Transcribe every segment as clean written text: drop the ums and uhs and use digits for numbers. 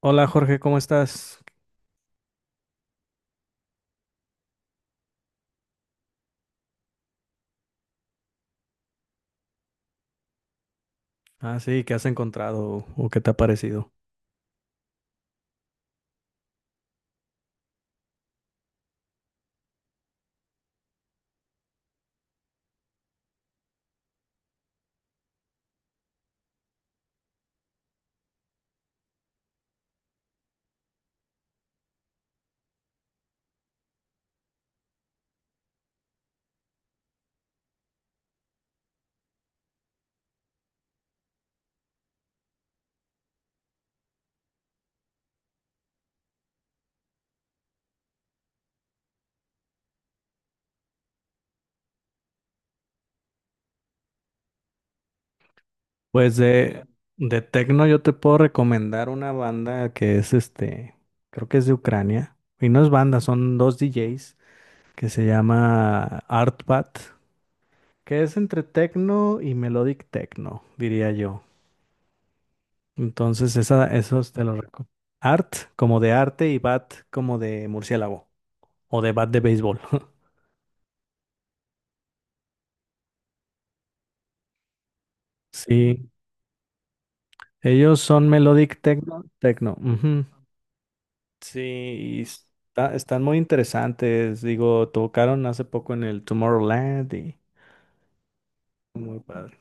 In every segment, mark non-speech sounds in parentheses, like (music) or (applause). Hola Jorge, ¿cómo estás? Ah, sí, ¿qué has encontrado o qué te ha parecido? Pues de tecno yo te puedo recomendar una banda que es este, creo que es de Ucrania, y no es banda, son dos DJs que se llama Artbat, que es entre tecno y melodic techno, diría yo. Entonces, esos te los recomiendo. Art como de arte y bat como de murciélago o de bat de béisbol. (laughs) Sí, ellos son melodic techno, techno. Ujú. Sí, y están muy interesantes. Digo, tocaron hace poco en el Tomorrowland y muy padre.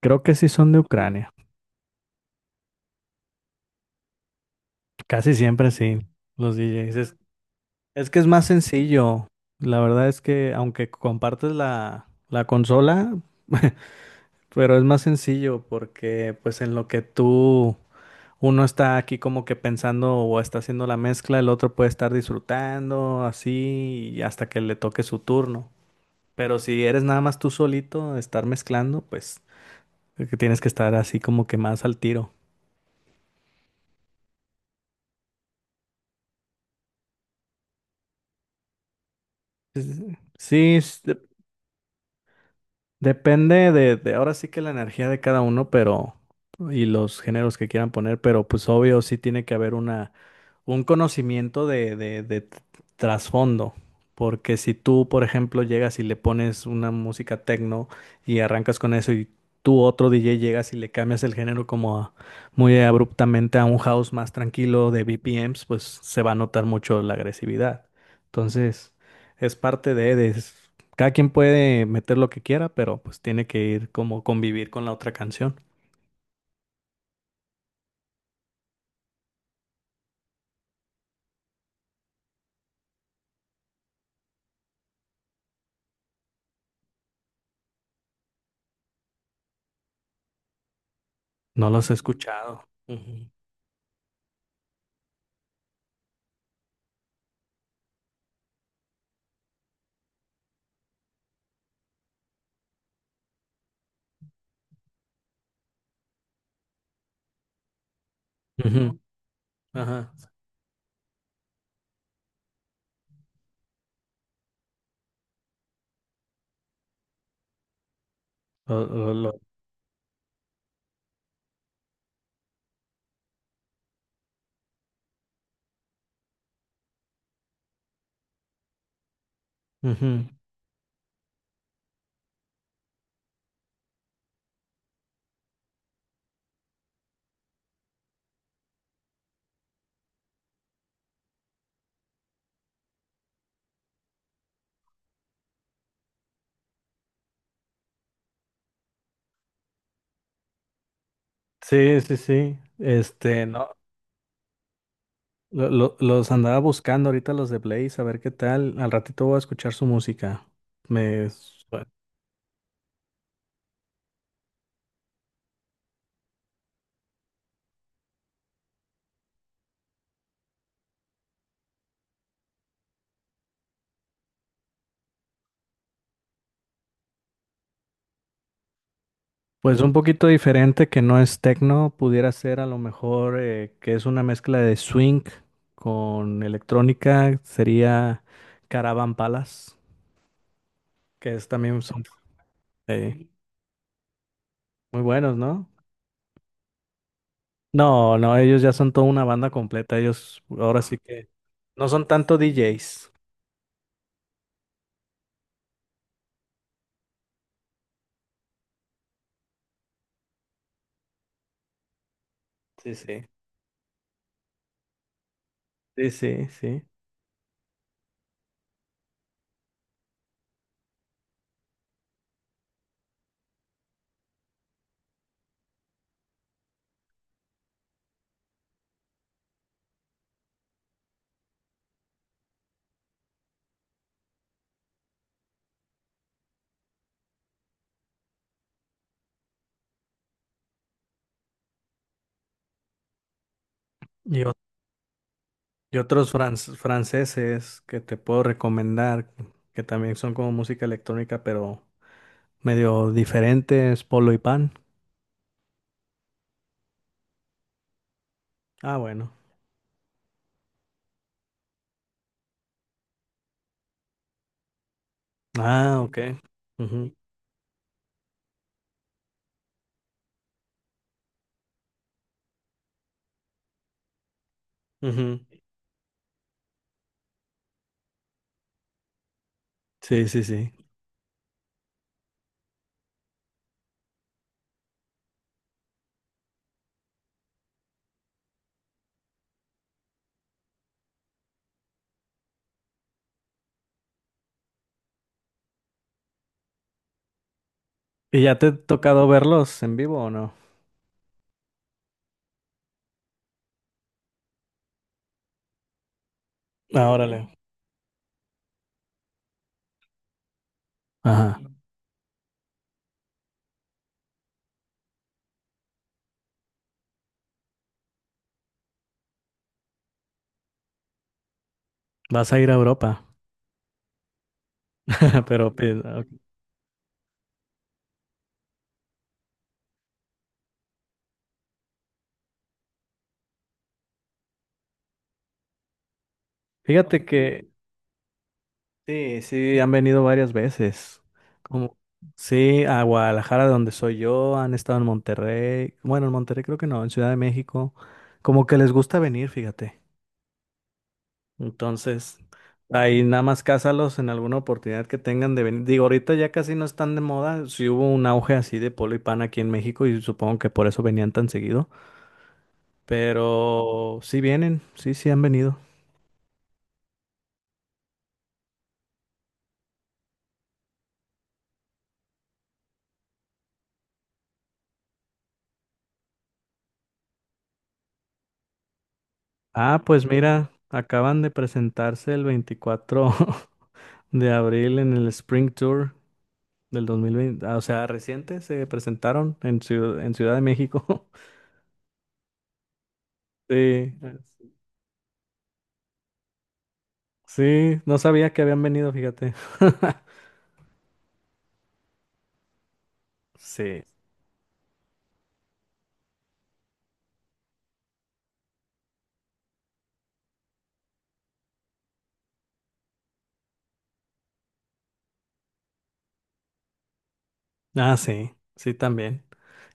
Creo que sí son de Ucrania. Casi siempre sí, los DJs. Es que es más sencillo. La verdad es que aunque compartes la consola, (laughs) pero es más sencillo porque pues en lo que tú, uno está aquí como que pensando o está haciendo la mezcla, el otro puede estar disfrutando así y hasta que le toque su turno. Pero si eres nada más tú solito, estar mezclando, pues es que tienes que estar así como que más al tiro. Sí, depende de ahora sí que la energía de cada uno, pero y los géneros que quieran poner, pero pues obvio sí tiene que haber una un conocimiento de trasfondo. Porque si tú, por ejemplo, llegas y le pones una música techno y arrancas con eso y tú otro DJ llegas y le cambias el género como muy abruptamente a un house más tranquilo de BPMs, pues se va a notar mucho la agresividad. Entonces, es parte de cada quien puede meter lo que quiera, pero pues tiene que ir como convivir con la otra canción. No los he escuchado. Ujú. Ujú, ajá. Lo- lo- lo- Ujú. Sí, sí, sí. Este, no, los andaba buscando ahorita los de Blaze, a ver qué tal. Al ratito voy a escuchar su música. Me, su- pues un poquito diferente que no es techno, pudiera ser a lo mejor que es una mezcla de swing con electrónica, sería Caravan Palace, que es también son eh, muy buenos, ¿no? No, no, ellos ya son toda una banda completa. Ellos ahora sí que no son tanto DJs. Sí, sí. Sí, sí, sí. Y, o- y otros franceses que te puedo recomendar, que también son como música electrónica, pero medio diferentes, Polo y Pan. Ah, bueno. Ah, ok. Ujú, ujú. Sí, sí, sí. ¿Y ya te ha tocado verlos en vivo o no? Ah, órale. Ajá. Vas a ir a Europa. (laughs) Pero pi- Fíjate que sí, sí, han venido varias veces. Como, sí, a Guadalajara, de donde soy yo, han estado en Monterrey. Bueno, en Monterrey creo que no, en Ciudad de México. Como que les gusta venir, fíjate. Entonces, ahí nada más cásalos en alguna oportunidad que tengan de venir. Digo, ahorita ya casi no están de moda. Sí hubo un auge así de polo y pan aquí en México y supongo que por eso venían tan seguido. Pero sí vienen, sí, sí han venido. Ah, pues mira, acaban de presentarse el 24 de abril en el Spring Tour del 2020, ah, o sea, reciente se presentaron en Ciudad de México. (laughs) Sí, sí, no sabía que habían venido, fíjate. (laughs) Sí. Ah, sí, sí también.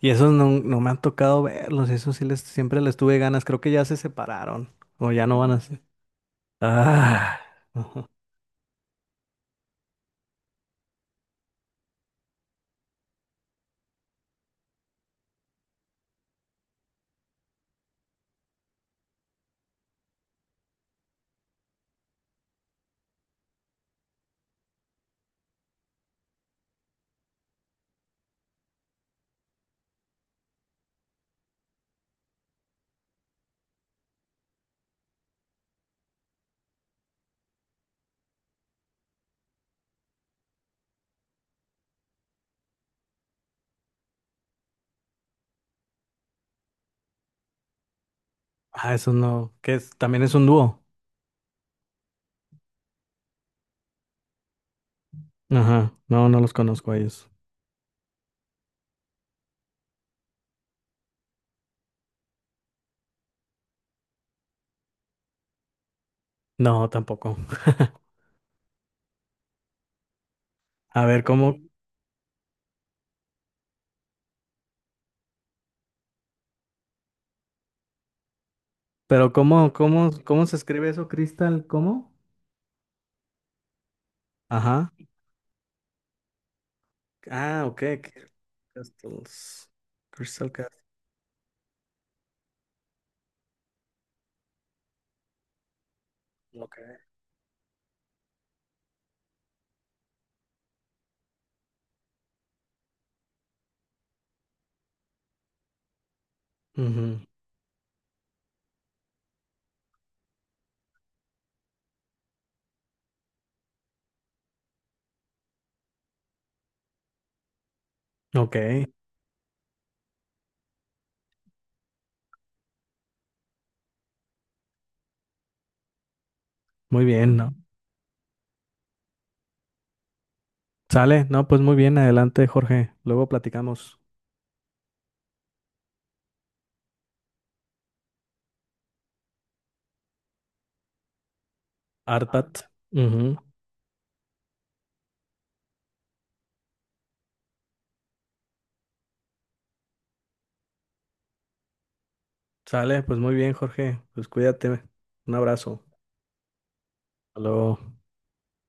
Y esos no, no me han tocado verlos, esos sí les, siempre les tuve ganas, creo que ya se separaron o ya no van a ser. Ah, (laughs) ajá. Ah, esos no, que es, también es un dúo. Ajá, no, no los conozco a ellos. No, tampoco. (laughs) A ver, ¿cómo? Pero ¿cómo se escribe eso, Crystal? ¿Cómo? Ajá. Ah, ok. Crystal Castles. Crystal Castles. Ok. Ujú. Ok. Muy bien, ¿no? Sale. No, pues muy bien. Adelante, Jorge. Luego platicamos. Artat. Ujú. Sale. Pues muy bien, Jorge. Pues cuídate. Un abrazo. Hasta luego.